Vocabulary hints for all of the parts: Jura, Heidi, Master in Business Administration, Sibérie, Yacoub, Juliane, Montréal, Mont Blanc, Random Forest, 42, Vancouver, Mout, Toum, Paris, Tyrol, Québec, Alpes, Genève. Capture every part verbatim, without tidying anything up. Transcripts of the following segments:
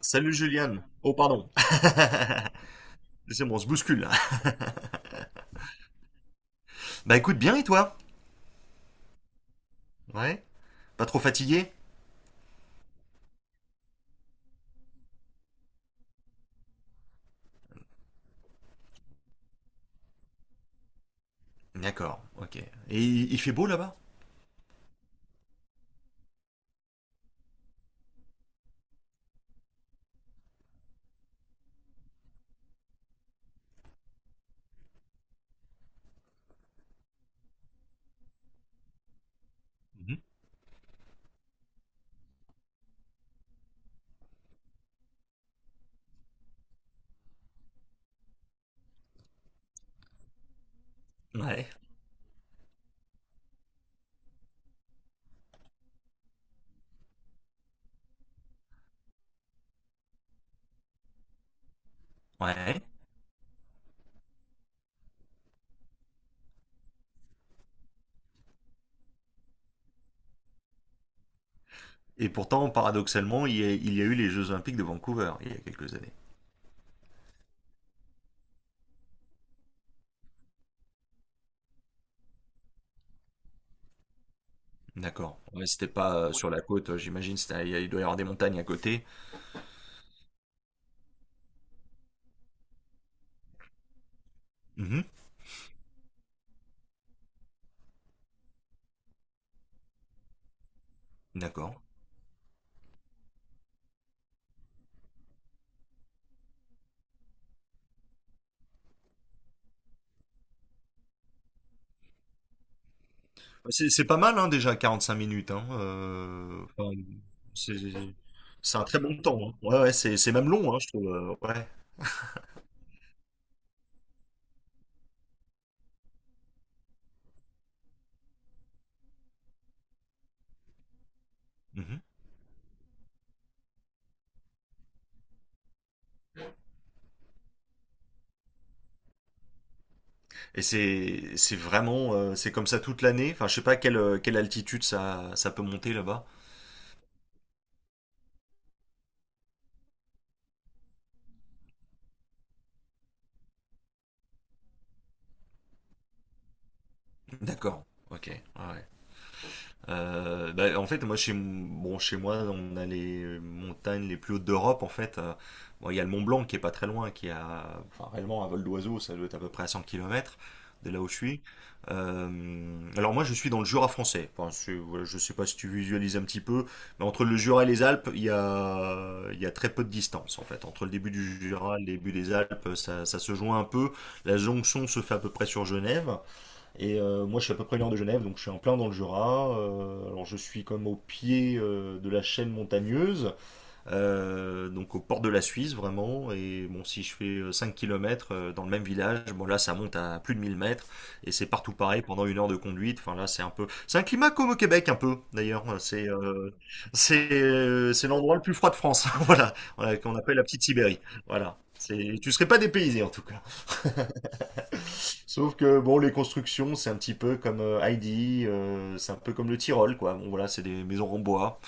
Salut Juliane. Oh pardon. C'est bon, on se bouscule là. Bah écoute bien, et toi? Ouais. Pas trop fatigué? D'accord, ok. Et il il fait beau là-bas? Mhm. Ouais. Ouais. Et pourtant, paradoxalement, il y a, il y a eu les Jeux Olympiques de Vancouver il y a quelques années. D'accord. Ouais, c'était pas euh, sur la côte, euh, j'imagine. c'était- Il doit y avoir des montagnes à côté. Mhm. D'accord. C'est c'est pas mal hein, déjà 45 minutes. Hein. Euh, enfin, c'est c'est un très bon temps, hein. Ouais, ouais, c'est c'est même long, hein, je trouve. euh, Ouais. Mhm. Et c'est c'est vraiment euh, c'est comme ça toute l'année. Enfin, je sais pas quelle euh, quelle altitude ça ça peut monter là-bas. D'accord. Ok. Ouais. Ouais. Euh, bah, en fait, moi, chez, bon, chez moi, on a les montagnes les plus hautes d'Europe. En fait, Euh, bon, il y a le Mont Blanc qui est pas très loin, qui a, enfin, réellement un vol d'oiseau, ça doit être à peu près à cent kilomètres de là où je suis. Euh, alors moi, je suis dans le Jura français. Enfin, c'est- voilà, je sais pas si tu visualises un petit peu, mais entre le Jura et les Alpes, il y a, il y a très peu de distance, en fait. Entre le début du Jura et le début des Alpes, ça, ça se joint un peu. La jonction se fait à peu près sur Genève. Et euh, moi, je suis à peu près une heure de Genève, donc je suis en plein dans le Jura. Euh, alors, je suis comme au pied euh, de la chaîne montagneuse, euh, donc au port de la Suisse vraiment. Et bon, si je fais euh, cinq kilomètres euh, dans le même village, bon là ça monte à plus de mille mètres, et c'est partout pareil pendant une heure de conduite. Enfin là c'est un peu, c'est un climat comme au Québec un peu d'ailleurs. C'est euh, c'est euh, c'est l'endroit le plus froid de France, voilà. Voilà, qu'on appelle la petite Sibérie. Voilà, c'est tu serais pas dépaysé en tout cas. Sauf que bon, les constructions, c'est un petit peu comme euh, Heidi, euh, c'est un peu comme le Tyrol, quoi. Bon, voilà, c'est des maisons en bois,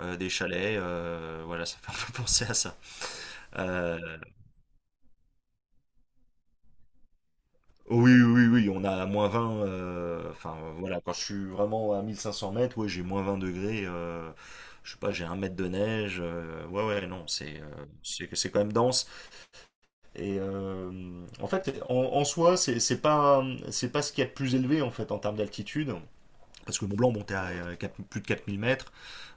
euh, des chalets, euh, voilà, ça fait un peu penser à ça. Euh, oui, oui, oui, on a moins vingt, euh, enfin voilà, quand je suis vraiment à mille cinq cents mètres, ouais, j'ai moins vingt degrés. Euh, je sais pas, j'ai un mètre de neige, euh, ouais, ouais, non, c'est euh, c'est c'est quand même dense. Et euh, en fait, en, en soi, c'est c'est pas, c'est pas ce qu'il y a de plus élevé en fait en termes d'altitude. Parce que Mont Blanc montait à euh, quatre- plus de quatre mille mètres.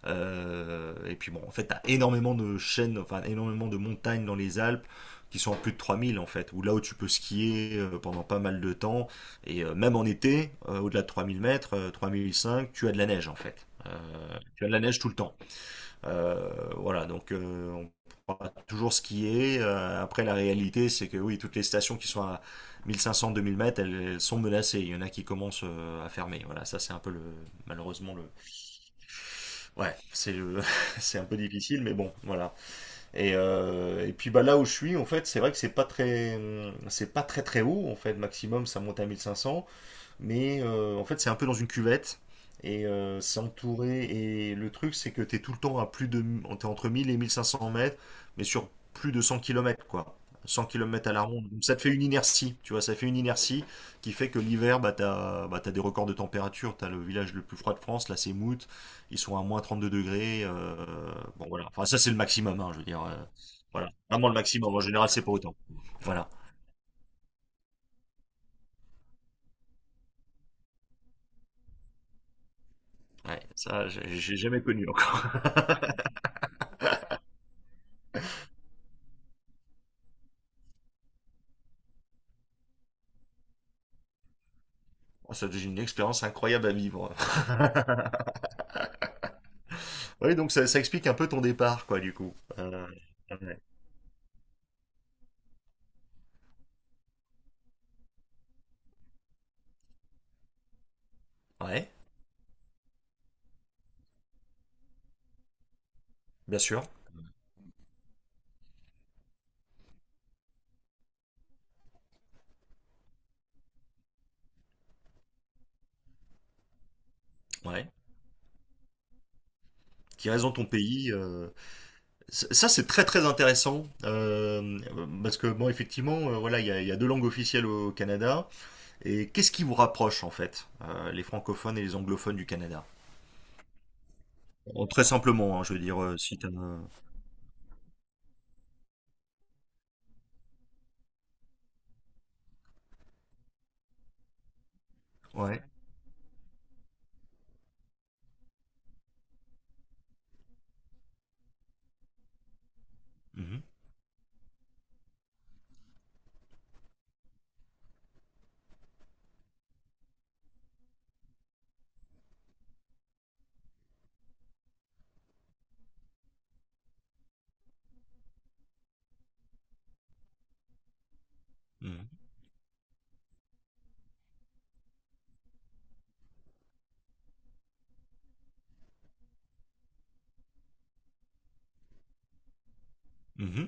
Euh, et puis bon, en fait, t'as énormément de chaînes, enfin énormément de montagnes dans les Alpes qui sont en plus de trois mille en fait, où là où tu peux skier euh, pendant pas mal de temps, et euh, même en été, euh, au-delà de trois mille mètres, euh, trois mille cinq, tu as de la neige en fait. Euh, tu as de la neige tout le temps. Euh, voilà, donc euh, on pourra toujours skier. Euh, après, la réalité, c'est que oui, toutes les stations qui sont à mille cinq cents, deux mille mètres, elles, elles sont menacées. Il y en a qui commencent euh, à fermer. Voilà, ça c'est un peu le, malheureusement le, Ouais, c'est le- c'est un peu difficile, mais bon, voilà. Et, euh, et puis bah là où je suis, en fait, c'est vrai que c'est pas très, hum, c'est pas très très haut. En fait, maximum, ça monte à mille cinq cents. Mais euh, en fait, c'est un peu dans une cuvette. Et euh, c'est entouré. Et le truc, c'est que t'es tout le temps à plus de… T'es entre mille et mille cinq cents mètres, mais sur plus de cent kilomètres, quoi. Cent kilomètres à la ronde. Donc ça te fait une inertie, tu vois, ça fait une inertie qui fait que l'hiver, bah, t'as, bah, t'as des records de température. T'as le village le plus froid de France, là, c'est Mout. Ils sont à moins trente-deux degrés. Euh, bon, voilà. Enfin, ça, c'est le maximum, hein, je veux dire. Euh, voilà. Vraiment le maximum. En général, c'est pas autant. Voilà. Ouais, ça, j'ai j'ai jamais connu. Oh, ça devient une expérience incroyable à vivre. Oui, donc ça, ça explique un peu ton départ, quoi, du coup. Euh, ouais. Ouais, bien sûr. Ouais. Qui reste dans ton pays. euh, c- Ça, c'est très très intéressant. Euh, parce que, bon, effectivement, euh, voilà, il y a, il y a deux langues officielles au Canada. Et qu'est-ce qui vous rapproche, en fait, euh, les francophones et les anglophones du Canada? Bon, très simplement, hein, je veux dire, euh, si t'as... euh, Ouais. Mhm, mhm, mhm.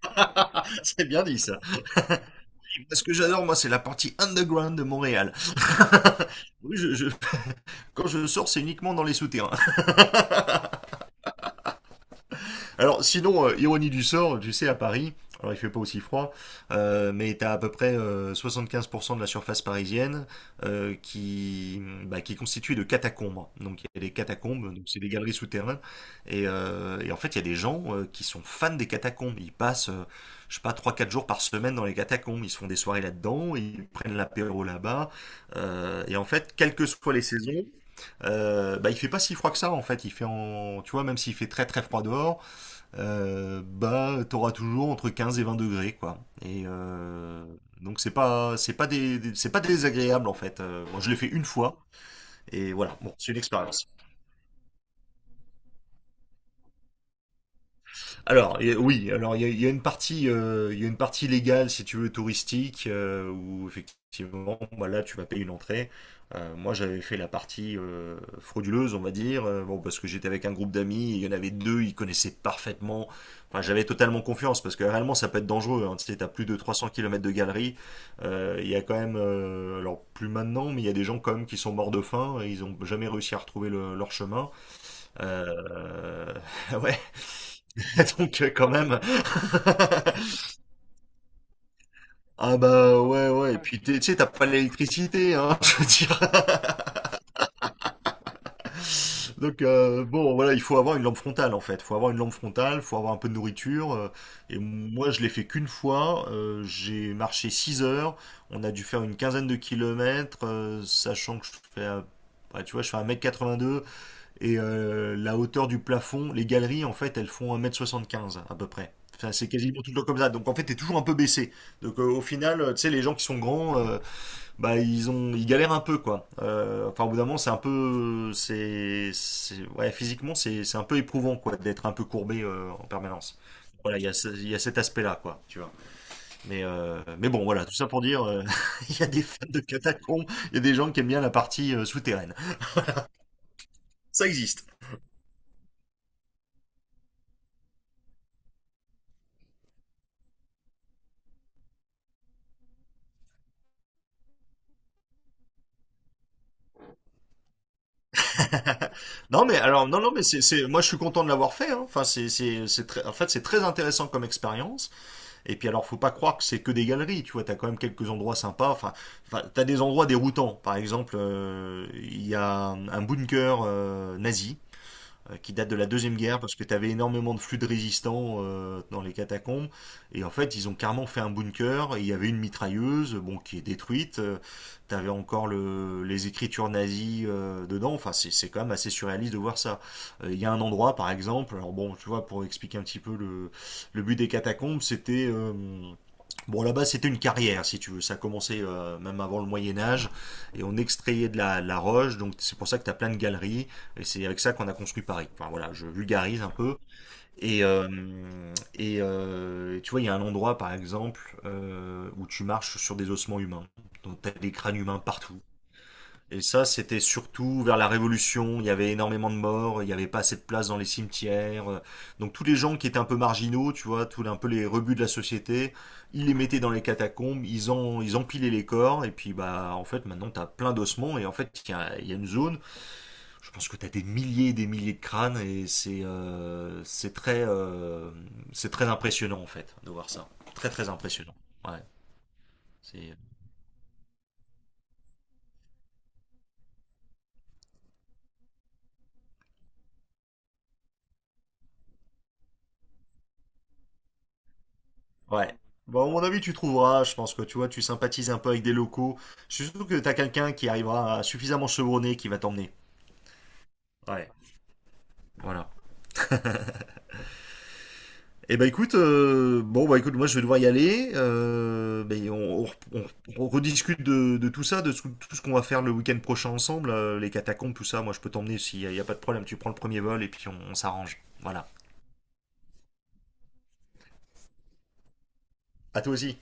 C'est bien dit, ça. Ce que j'adore, moi, c'est la partie underground de Montréal. Oui, je, je- quand je sors, c'est uniquement dans les souterrains. Alors, sinon, euh, ironie du sort, tu sais, à Paris, alors il fait pas aussi froid, euh, mais t'as à peu près euh, soixante-quinze pour cent de la surface parisienne euh, qui, bah, qui est constituée de catacombes. Donc, il y a des catacombes, donc c'est des galeries souterraines. Et, euh, et en fait, il y a des gens euh, qui sont fans des catacombes. Ils passent, euh, je sais pas, trois, quatre jours par semaine dans les catacombes. Ils se font des soirées là-dedans, ils prennent l'apéro là-bas. Euh, et en fait, quelles que soient les saisons, euh, bah il fait pas si froid que ça en fait. Il fait en, tu vois, même s'il fait très très froid dehors, euh, bah t'auras toujours entre quinze et vingt degrés quoi. Et euh, donc c'est pas c'est pas des, des- c'est pas désagréable en fait. Euh, moi je l'ai fait une fois et voilà. Bon, c'est une expérience. Alors et- oui, alors il y a, il y a une partie, euh, il y a une partie légale si tu veux, touristique, euh, où effectivement, bah, là tu vas payer une entrée. Euh, moi j'avais fait la partie euh, frauduleuse, on va dire, euh, bon parce que j'étais avec un groupe d'amis, il y en avait deux, ils connaissaient parfaitement. Enfin j'avais totalement confiance parce que réellement ça peut être dangereux, hein. Tu sais, t'as plus de trois cents kilomètres de galerie. Euh, il y a quand même, euh, alors plus maintenant, mais il y a des gens quand même qui sont morts de faim et ils ont jamais réussi à retrouver le- leur chemin. Euh, ouais, donc euh, quand même. Ah bah ouais, ouais. Et ouais, puis t'es- tu sais, t'as pas l'électricité, hein, je veux dire. Donc euh, bon, voilà, il faut avoir une lampe frontale en fait. Faut avoir une lampe frontale, faut avoir un peu de nourriture. Euh, et moi, je l'ai fait qu'une fois. Euh, j'ai marché six heures. On a dû faire une quinzaine de kilomètres, euh, sachant que je fais, euh, bah, tu vois, je fais un mètre quatre-vingt-deux, et euh, la hauteur du plafond, les galeries en fait, elles font un mètre soixante-quinze à peu près. Enfin, c'est quasiment tout le temps comme ça. Donc en fait, t'es toujours un peu baissé. Donc euh, au final, euh, tu sais, les gens qui sont grands, euh, bah ils ont ils galèrent un peu quoi. Euh, enfin au bout d'un moment c'est un peu c'est c'est- ouais physiquement c'est c'est un peu éprouvant quoi, d'être un peu courbé euh, en permanence. Voilà, il y a, ce- il y a cet aspect-là, quoi, tu vois. Mais, euh, mais bon, voilà, tout ça pour dire, euh, il y a des fans de catacombes, il y a des gens qui aiment bien la partie euh, souterraine. Ça existe. Non, mais alors, non, non, mais c'est, c'est, moi, je suis content de l'avoir fait, hein. Enfin, c'est, c'est, c'est très, en fait, c'est très intéressant comme expérience. Et puis alors, faut pas croire que c'est que des galeries, tu vois, t'as quand même quelques endroits sympas. Enfin, enfin, t'as des endroits déroutants. Par exemple, euh, il euh, y a un, un bunker euh, nazi euh, qui date de la Deuxième Guerre, parce que tu avais énormément de flux de résistants euh, dans les catacombes. Et en fait, ils ont carrément fait un bunker, et il y avait une mitrailleuse, bon, qui est détruite. Tu avais encore le, les écritures nazies euh, dedans. Enfin, c'est c'est quand même assez surréaliste de voir ça. Euh, Il y a un endroit, par exemple, alors bon, tu vois, pour expliquer un petit peu le, le but des catacombes, c'était... euh, bon, là-bas, c'était une carrière, si tu veux. Ça a commencé euh, même avant le Moyen Âge, et on extrayait de la, de la roche, donc c'est pour ça que tu as plein de galeries, et c'est avec ça qu'on a construit Paris. Enfin voilà, je vulgarise un peu. Et, euh, et euh, tu vois, il y a un endroit, par exemple, euh, où tu marches sur des ossements humains. Donc t'as des crânes humains partout. Et ça, c'était surtout vers la Révolution. Il y avait énormément de morts, il n'y avait pas assez de place dans les cimetières. Donc tous les gens qui étaient un peu marginaux, tu vois, tous un peu les rebuts de la société, ils les mettaient dans les catacombes, ils, en, ils empilaient les corps. Et puis, bah, en fait, maintenant, t'as plein d'ossements. Et en fait, il y a, il y a une zone, je pense que t'as des milliers et des milliers de crânes. Et c'est euh, c'est très, euh, c'est très impressionnant, en fait, de voir ça. Très, très impressionnant. Ouais. C'est euh, Ouais. Bon, à mon avis, tu trouveras. Je pense que tu vois, tu sympathises un peu avec des locaux. Je suis sûr que t'as quelqu'un qui arrivera suffisamment chevronné qui va t'emmener. Ouais. Voilà. Eh ben écoute, euh, bon bah Écoute, moi je vais devoir y aller. Euh, ben, on, on- on rediscute de, de tout ça, de tout, tout ce qu'on va faire le week-end prochain ensemble, euh, les catacombes, tout ça. Moi je peux t'emmener, s'il n'y a, il y a pas de problème. Tu prends le premier vol et puis on on s'arrange. Voilà. À toi aussi.